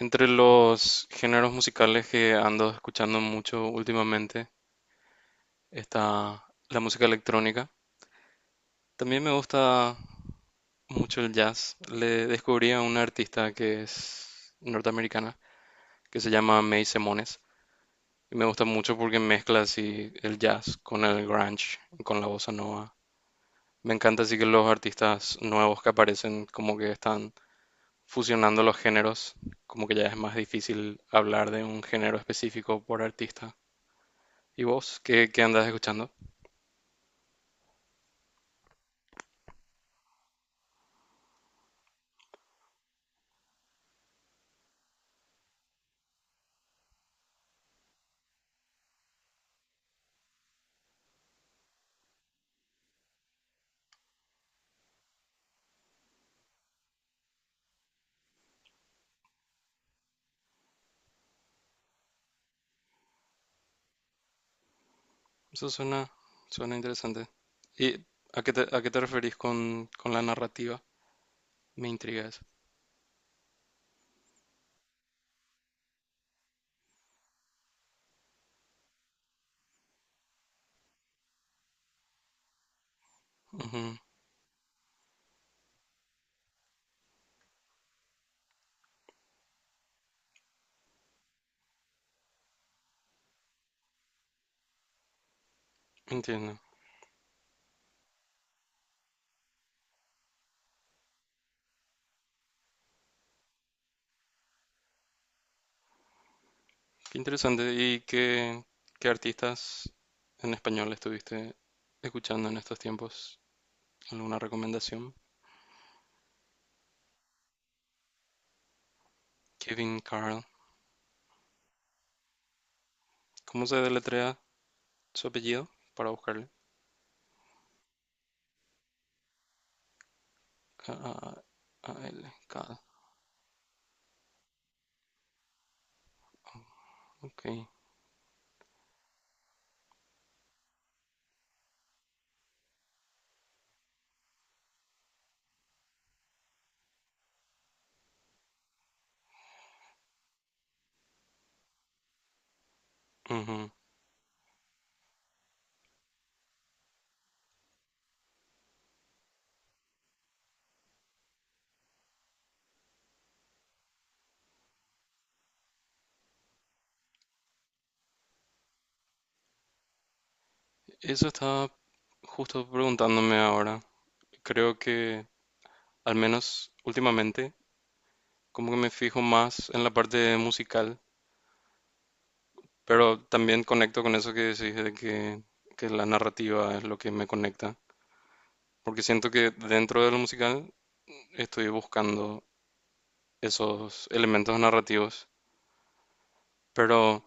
Entre los géneros musicales que ando escuchando mucho últimamente está la música electrónica. También me gusta mucho el jazz. Le descubrí a una artista que es norteamericana, que se llama May Semones. Y me gusta mucho porque mezcla así el jazz con el grunge, con la bossa nova. Me encanta así que los artistas nuevos que aparecen como que están fusionando los géneros, como que ya es más difícil hablar de un género específico por artista. ¿Y vos qué andás escuchando? Eso suena interesante. ¿Y a qué te referís con la narrativa? Me intriga eso. Ujú, entiendo. Qué interesante. ¿Y qué artistas en español estuviste escuchando en estos tiempos? ¿Alguna recomendación? Kevin Carl. ¿Cómo se deletrea su apellido? Para buscarle. KAALK. Ok. Ujú. Eso estaba justo preguntándome ahora. Creo que, al menos últimamente, como que me fijo más en la parte musical, pero también conecto con eso que decís que la narrativa es lo que me conecta, porque siento que dentro de lo musical estoy buscando esos elementos narrativos, pero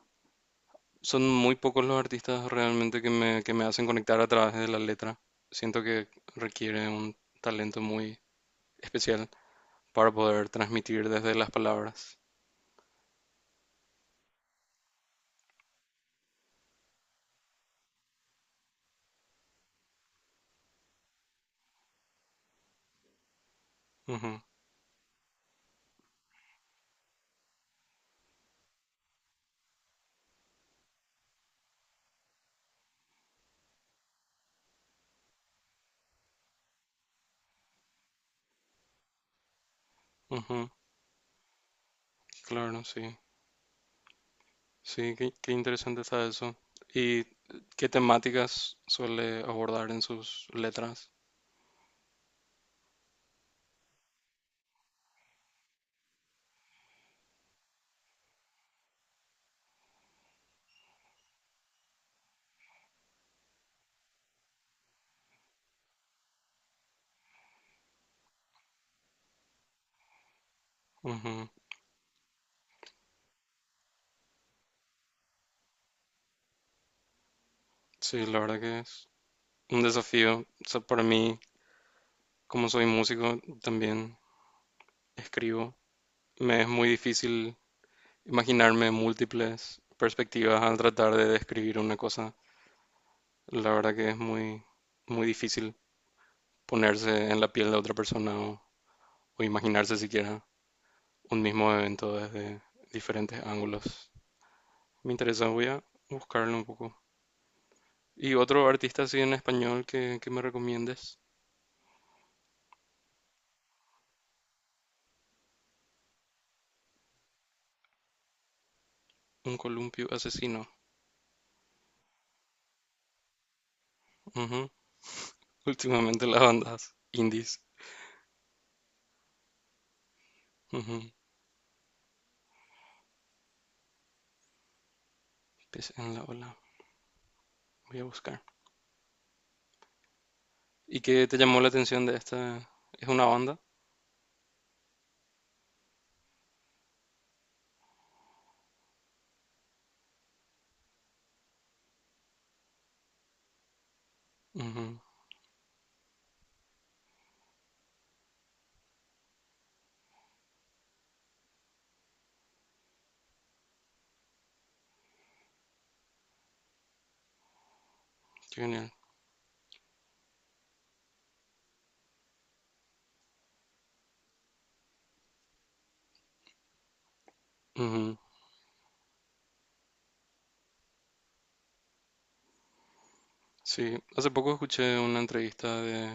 son muy pocos los artistas realmente que me hacen conectar a través de la letra. Siento que requiere un talento muy especial para poder transmitir desde las palabras. Ujú, ujú, claro, sí. Sí, qué interesante está eso. ¿Y qué temáticas suele abordar en sus letras? Ujú. Sí, la verdad que es un desafío. O sea, para mí, como soy músico, también escribo. Me es muy difícil imaginarme múltiples perspectivas al tratar de describir una cosa. La verdad que es muy difícil ponerse en la piel de otra persona o imaginarse siquiera un mismo evento desde diferentes ángulos. Me interesa, voy a buscarlo un poco. Y otro artista así en español que me recomiendes, Un columpio asesino. Ujú. Últimamente las bandas indies. Ujú. Pez en la ola. Voy a buscar. ¿Y qué te llamó la atención de esta? ¿Es una banda? Ujú. Qué genial. Ujú. Sí, hace poco escuché una entrevista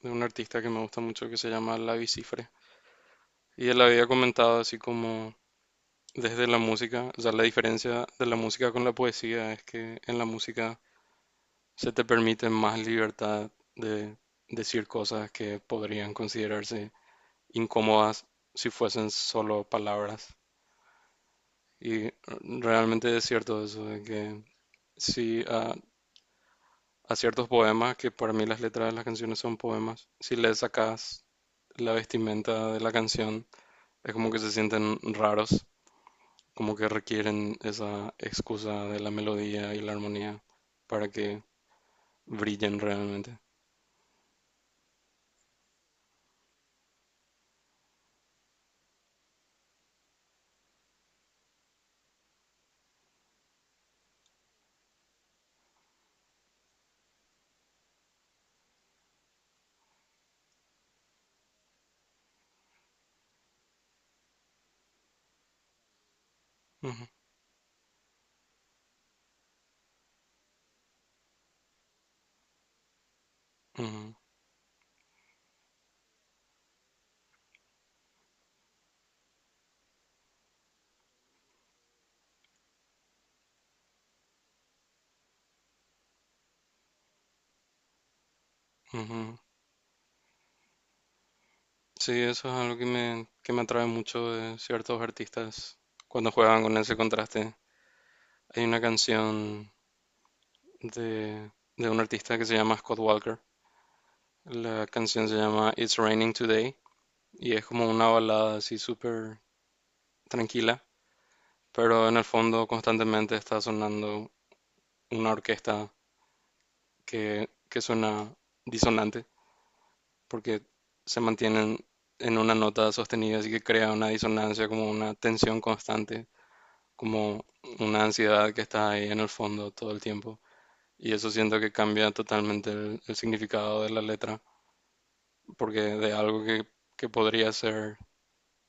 de un artista que me gusta mucho que se llama Lavi Cifre. Y él había comentado así como desde la música, o sea, la diferencia de la música con la poesía es que en la música se te permite más libertad de decir cosas que podrían considerarse incómodas si fuesen solo palabras. Y realmente es cierto eso, de que si a ciertos poemas, que para mí las letras de las canciones son poemas, si le sacas la vestimenta de la canción, es como que se sienten raros, como que requieren esa excusa de la melodía y la armonía para que brillen realmente. Ujú, ujú, ujú. Sí, eso es algo que me atrae mucho de ciertos artistas cuando juegan con ese contraste. Hay una canción de, de un artista que se llama Scott Walker. La canción se llama It's Raining Today y es como una balada así súper tranquila, pero en el fondo constantemente está sonando una orquesta que suena disonante porque se mantienen en una nota sostenida, así que crea una disonancia como una tensión constante como una ansiedad que está ahí en el fondo todo el tiempo. Y eso siento que cambia totalmente el significado de la letra, porque de algo que podría ser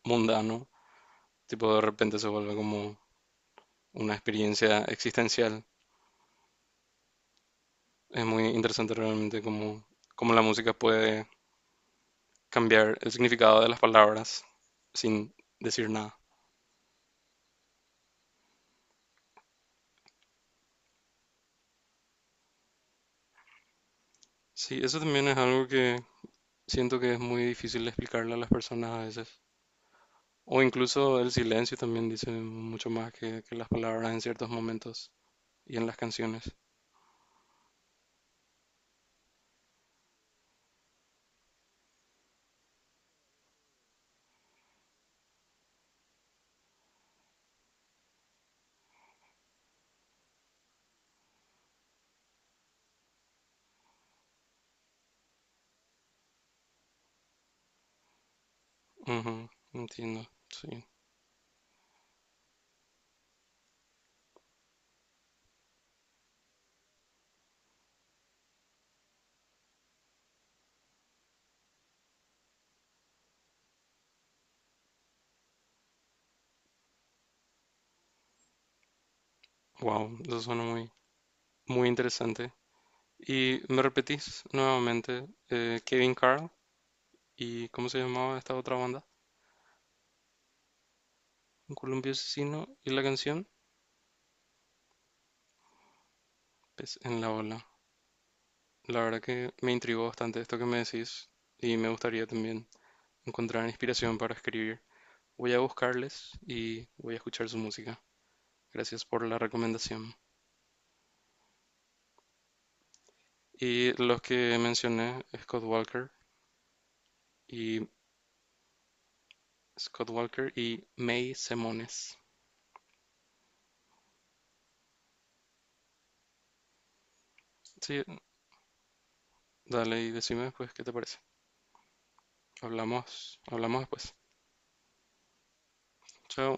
mundano, tipo de repente se vuelve como una experiencia existencial. Es muy interesante cómo la música puede cambiar el significado de las palabras sin decir nada. Sí, eso también es algo que siento que es muy difícil explicarle a las personas a veces. O incluso el silencio también dice mucho más que las palabras en ciertos momentos y en las canciones. Ujú, entiendo, sí. Wow, eso suena muy interesante. Y me repetís nuevamente, Kevin Carl y cómo se llamaba esta otra banda, Un Columpio Asesino y la canción, pues en la ola. La verdad que me intrigó bastante esto que me decís y me gustaría también encontrar inspiración para escribir. Voy a buscarles y voy a escuchar su música. Gracias por la recomendación. Y los que mencioné, Scott Walker y y May Semones. Sí, dale y decime después qué te parece. Hablamos después. Chao.